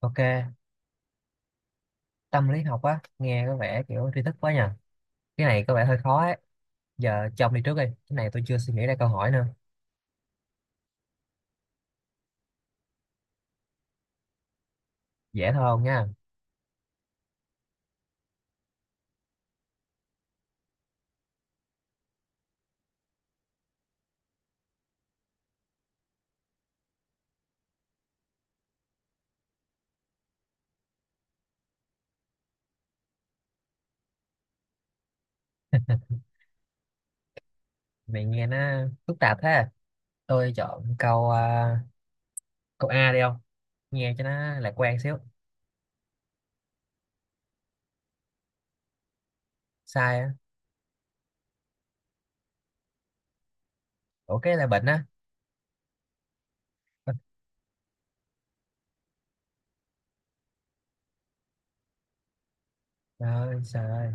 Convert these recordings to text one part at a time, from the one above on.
Ok, tâm lý học á, nghe có vẻ kiểu tri thức quá nhỉ. Cái này có vẻ hơi khó ấy. Giờ cho ông đi trước đi. Cái này tôi chưa suy nghĩ ra câu hỏi nữa. Dễ thôi không nha. Mày nghe nó phức tạp thế. Tôi chọn câu A đi không? Nghe cho nó lạc quan xíu. Sai á. Ủa cái là bệnh á. Rồi, trời ơi.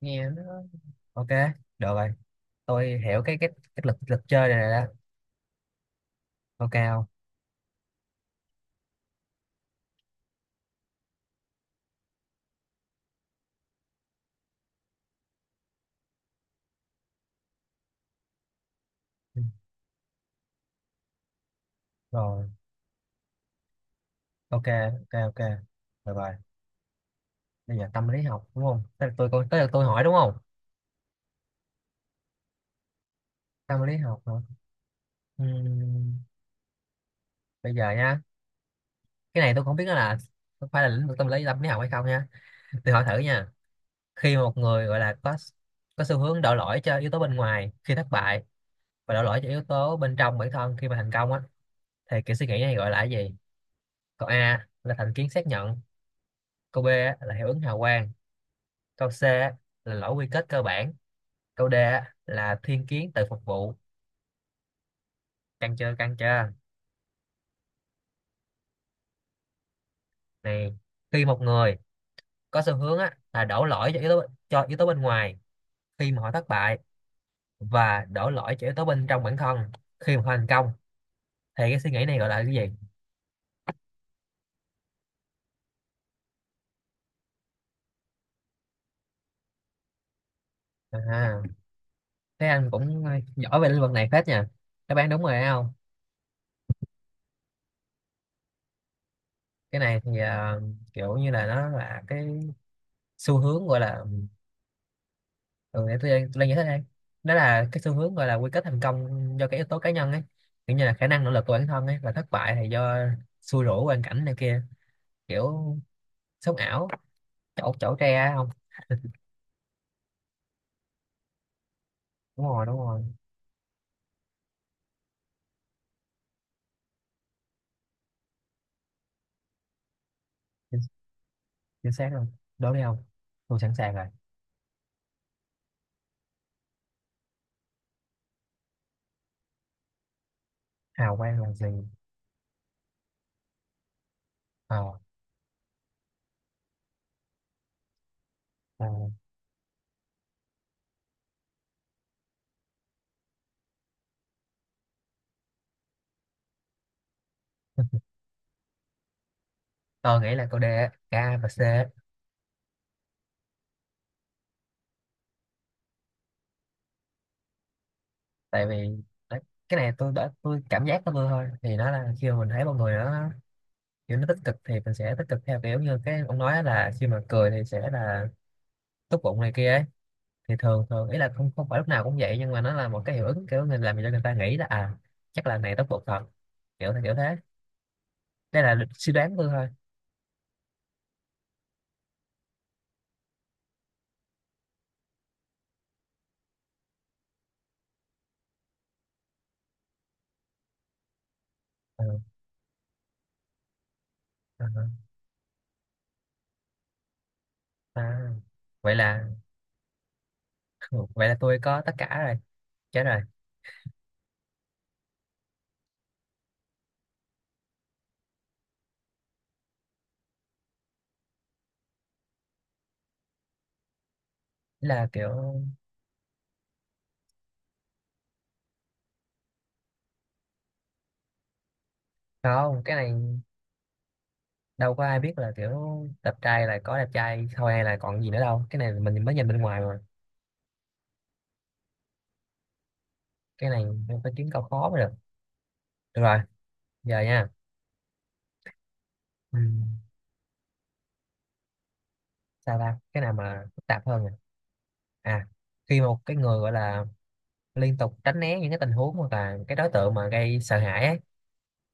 Nghe nó. Ok, được rồi. Tôi hiểu cái lực lực chơi này rồi đó. Ok không? Ừ, rồi, ok, ok, ok. Được rồi. Bây giờ tâm lý học đúng không? Tới lượt tôi hỏi đúng không? Tâm lý học hả? Ừm, Bây giờ nha, cái này tôi không biết nó là có phải là lĩnh vực tâm lý học hay không nha, tôi hỏi thử nha. Khi mà một người gọi là có xu hướng đổ lỗi cho yếu tố bên ngoài khi thất bại, và đổ lỗi cho yếu tố bên trong bản thân khi mà thành công á, thì kiểu suy nghĩ này gọi là cái gì? Câu A là thành kiến xác nhận, câu B á, là hiệu ứng hào quang, câu C á, là lỗi quy kết cơ bản, câu D á, là thiên kiến tự phục vụ. Căng chưa, căng chưa? Này, khi một người có xu hướng á, là đổ lỗi cho yếu tố bên ngoài khi mà họ thất bại, và đổ lỗi cho yếu tố bên trong bản thân khi mà thành công, thì cái suy nghĩ này gọi là cái gì? À, thế anh cũng giỏi về lĩnh vực này phết nha, đáp án đúng rồi đấy không. Cái này thì kiểu như là nó là cái xu hướng gọi là, ừ, để tôi lên giải thích đây. Đó là cái xu hướng gọi là quy kết thành công do cái yếu tố cá nhân ấy, kiểu như là khả năng nỗ lực của bản thân ấy, và thất bại thì do xui rủi hoàn cảnh này kia, kiểu sống ảo chỗ chỗ tre á không. Đúng rồi, đúng rồi, chính, chính xác luôn. Đố đi không, tôi sẵn sàng rồi. Hào quang là gì? Ờ, ờ. Tôi nghĩ là câu D á, K và C á. Tại vì đấy, cái này tôi cảm giác của tôi thôi, thì nó là khi mà mình thấy một người nó kiểu nó tích cực thì mình sẽ tích cực theo, kiểu như cái ông nói là khi mà cười thì sẽ là tốt bụng này kia ấy. Thì thường thường ý là không không phải lúc nào cũng vậy, nhưng mà nó là một cái hiệu ứng kiểu mình làm cho người ta nghĩ là à, chắc là này tốt bụng thật, kiểu kiểu thế. Đây là suy đoán của tôi thôi. Ừ, ừ, ừ. À, vậy là vậy là tôi có tất cả rồi, chết rồi. Ý là kiểu, không, cái này đâu có ai biết là kiểu, đẹp trai là có đẹp trai thôi hay là còn gì nữa đâu, cái này mình mới nhìn bên ngoài mà. Cái này mình phải kiếm câu khó mới được. Được rồi, giờ nha, ừ. Sao ta, cái nào mà phức tạp hơn nè. À, khi một cái người gọi là liên tục tránh né những cái tình huống hoặc là cái đối tượng mà gây sợ hãi ấy,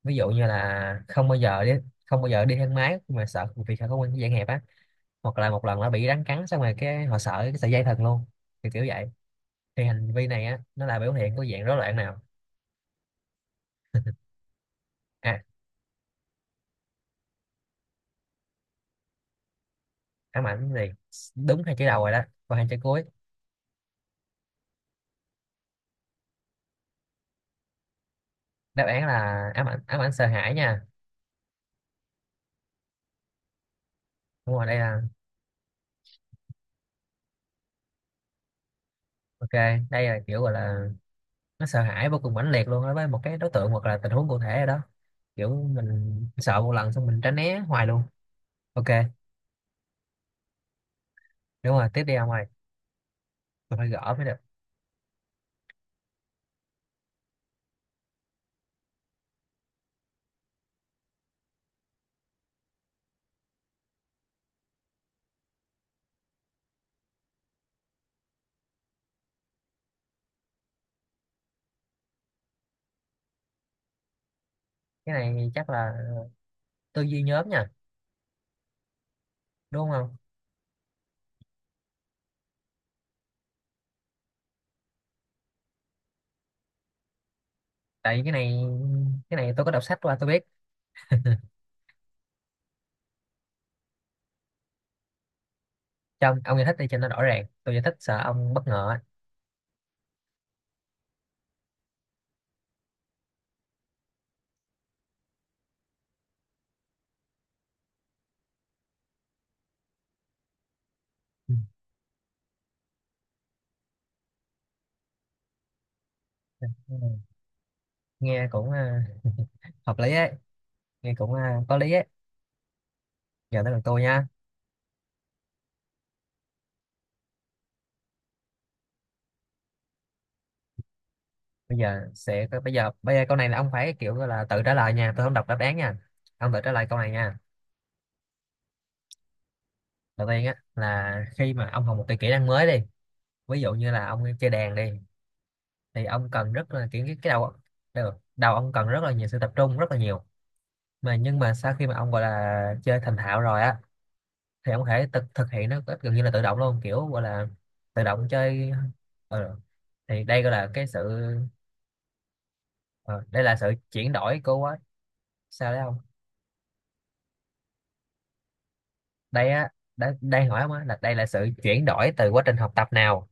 ví dụ như là không bao giờ đi thang máy mà sợ, vì sợ không quen cái dạng hẹp á, hoặc là một lần nó bị rắn cắn xong rồi cái họ sợ cái sợi dây thần luôn, thì kiểu vậy. Thì hành vi này á, nó là biểu hiện của dạng rối loạn nào? À, ám ảnh gì, đúng hai chữ đầu rồi đó, còn hai chữ cuối? Đáp án là ám ảnh sợ hãi nha. Đúng rồi, đây là, ok, đây là kiểu gọi là nó sợ hãi vô cùng mãnh liệt luôn đối với một cái đối tượng hoặc là tình huống cụ thể rồi đó, kiểu mình sợ một lần xong mình tránh né hoài luôn. Ok, đúng rồi, tiếp đi ông ơi, tôi phải gỡ mới được. Cái này chắc là tư duy nhóm nha, đúng không? Tại vì cái này tôi có đọc sách qua tôi biết. Trong ông giải thích đi cho nó rõ ràng, tôi giải thích sợ ông bất ngờ á. Ừ. Nghe cũng hợp lý ấy, nghe cũng có lý ấy. Giờ tới lượt tôi nha. Bây giờ sẽ bây giờ bây giờ câu này là ông phải kiểu gọi là tự trả lời nha, tôi không đọc đáp án nha, ông tự trả lời câu này nha. Đầu tiên á, là khi mà ông học một cái kỹ năng mới đi, ví dụ như là ông chơi đàn đi, thì ông cần rất là kiểu cái đầu, đầu ông cần rất là nhiều sự tập trung, rất là nhiều, nhưng mà sau khi mà ông gọi là chơi thành thạo rồi á, thì ông có thể thực thực hiện nó gần như là tự động luôn, kiểu gọi là tự động chơi. ờ, thì đây gọi là cái sự, ờ, đây là sự chuyển đổi của quá, sao đấy không? Đây á, đây đây hỏi ông á, là đây là sự chuyển đổi từ quá trình học tập nào?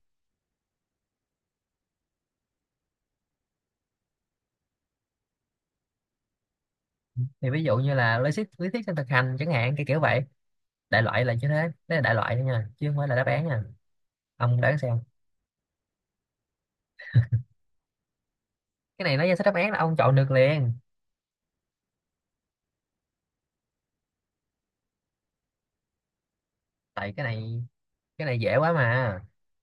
Thì ví dụ như là lý thuyết sang thực hành chẳng hạn, cái kiểu vậy, đại loại là như thế. Đấy là đại loại thôi nha, chứ không phải là đáp án nha, ông đoán xem. Cái này nó ra sách đáp án là ông chọn được liền. Tại cái này dễ quá mà,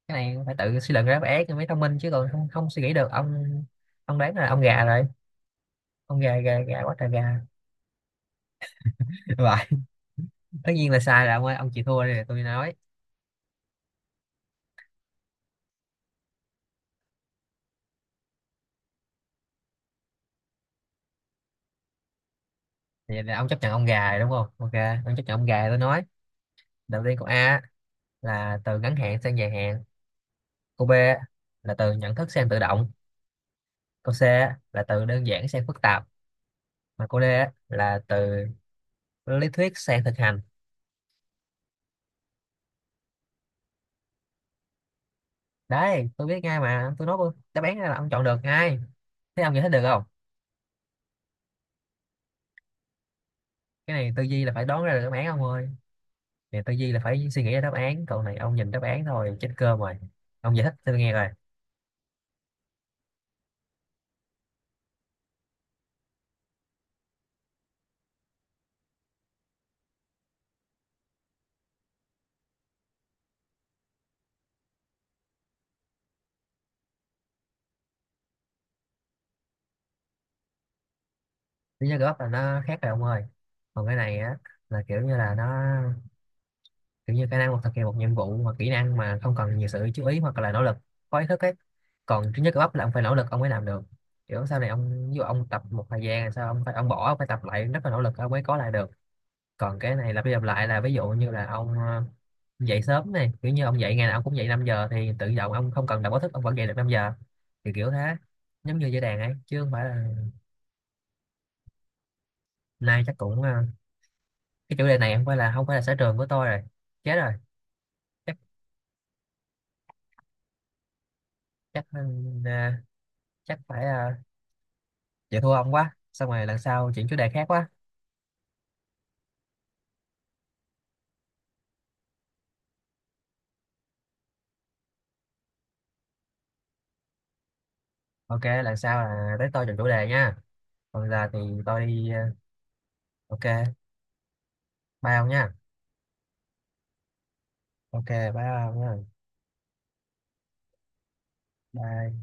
cái này phải tự suy luận ra đáp án thì mới thông minh chứ, còn không không suy nghĩ được ông. Ông đoán là ông gà rồi, ông gà gà gà quá trời gà. Vậy, tất nhiên là sai rồi ông ơi, ông chịu thua đi tôi nói. Thì là ông chấp nhận ông gà rồi đúng không, ok. Ông chấp nhận ông gà rồi tôi nói. Đầu tiên câu A là từ ngắn hạn sang dài hạn, câu B là từ nhận thức sang tự động, câu C là từ đơn giản sang phức tạp, mà câu D là từ lý thuyết sang thực hành. Đấy, tôi biết ngay mà, tôi nói luôn đáp án ra là ông chọn được ngay. Thế ông giải thích được không? Cái này tư duy là phải đoán ra được đáp án ông ơi, này tư duy là phải suy nghĩ ra đáp án, còn này ông nhìn đáp án thôi, chết cơm rồi. Ông giải thích tôi nghe rồi. Lý do góp là nó khác rồi ông ơi. Còn cái này á, là kiểu như là nó, kiểu như khả năng hoặc thực hiện một nhiệm vụ hoặc kỹ năng mà không cần nhiều sự chú ý hoặc là nỗ lực có ý thức ấy. Còn trí nhớ cơ bắp là ông phải nỗ lực ông mới làm được, kiểu sau này ông ví dụ ông tập một thời gian sao ông phải, ông bỏ ông phải tập lại rất là nỗ lực ông mới có lại được. Còn cái này lặp đi lặp lại là ví dụ như là ông, dậy sớm này, kiểu như ông dậy ngày nào ông cũng dậy 5 giờ thì tự động ông không cần đọc báo thức ông vẫn dậy được 5 giờ, thì kiểu thế, giống như dây đàn ấy chứ không phải là. Nay chắc cũng cái chủ đề này không phải là sở trường của tôi rồi, chết rồi. Chắc chắc chắc phải vậy thua ông quá, xong rồi lần sau chuyển chủ đề khác quá. Ok, lần sau là tới tôi chọn chủ đề nha, còn giờ thì tôi đi ok, bye ông nha. Ok, bye ông nha. Bye.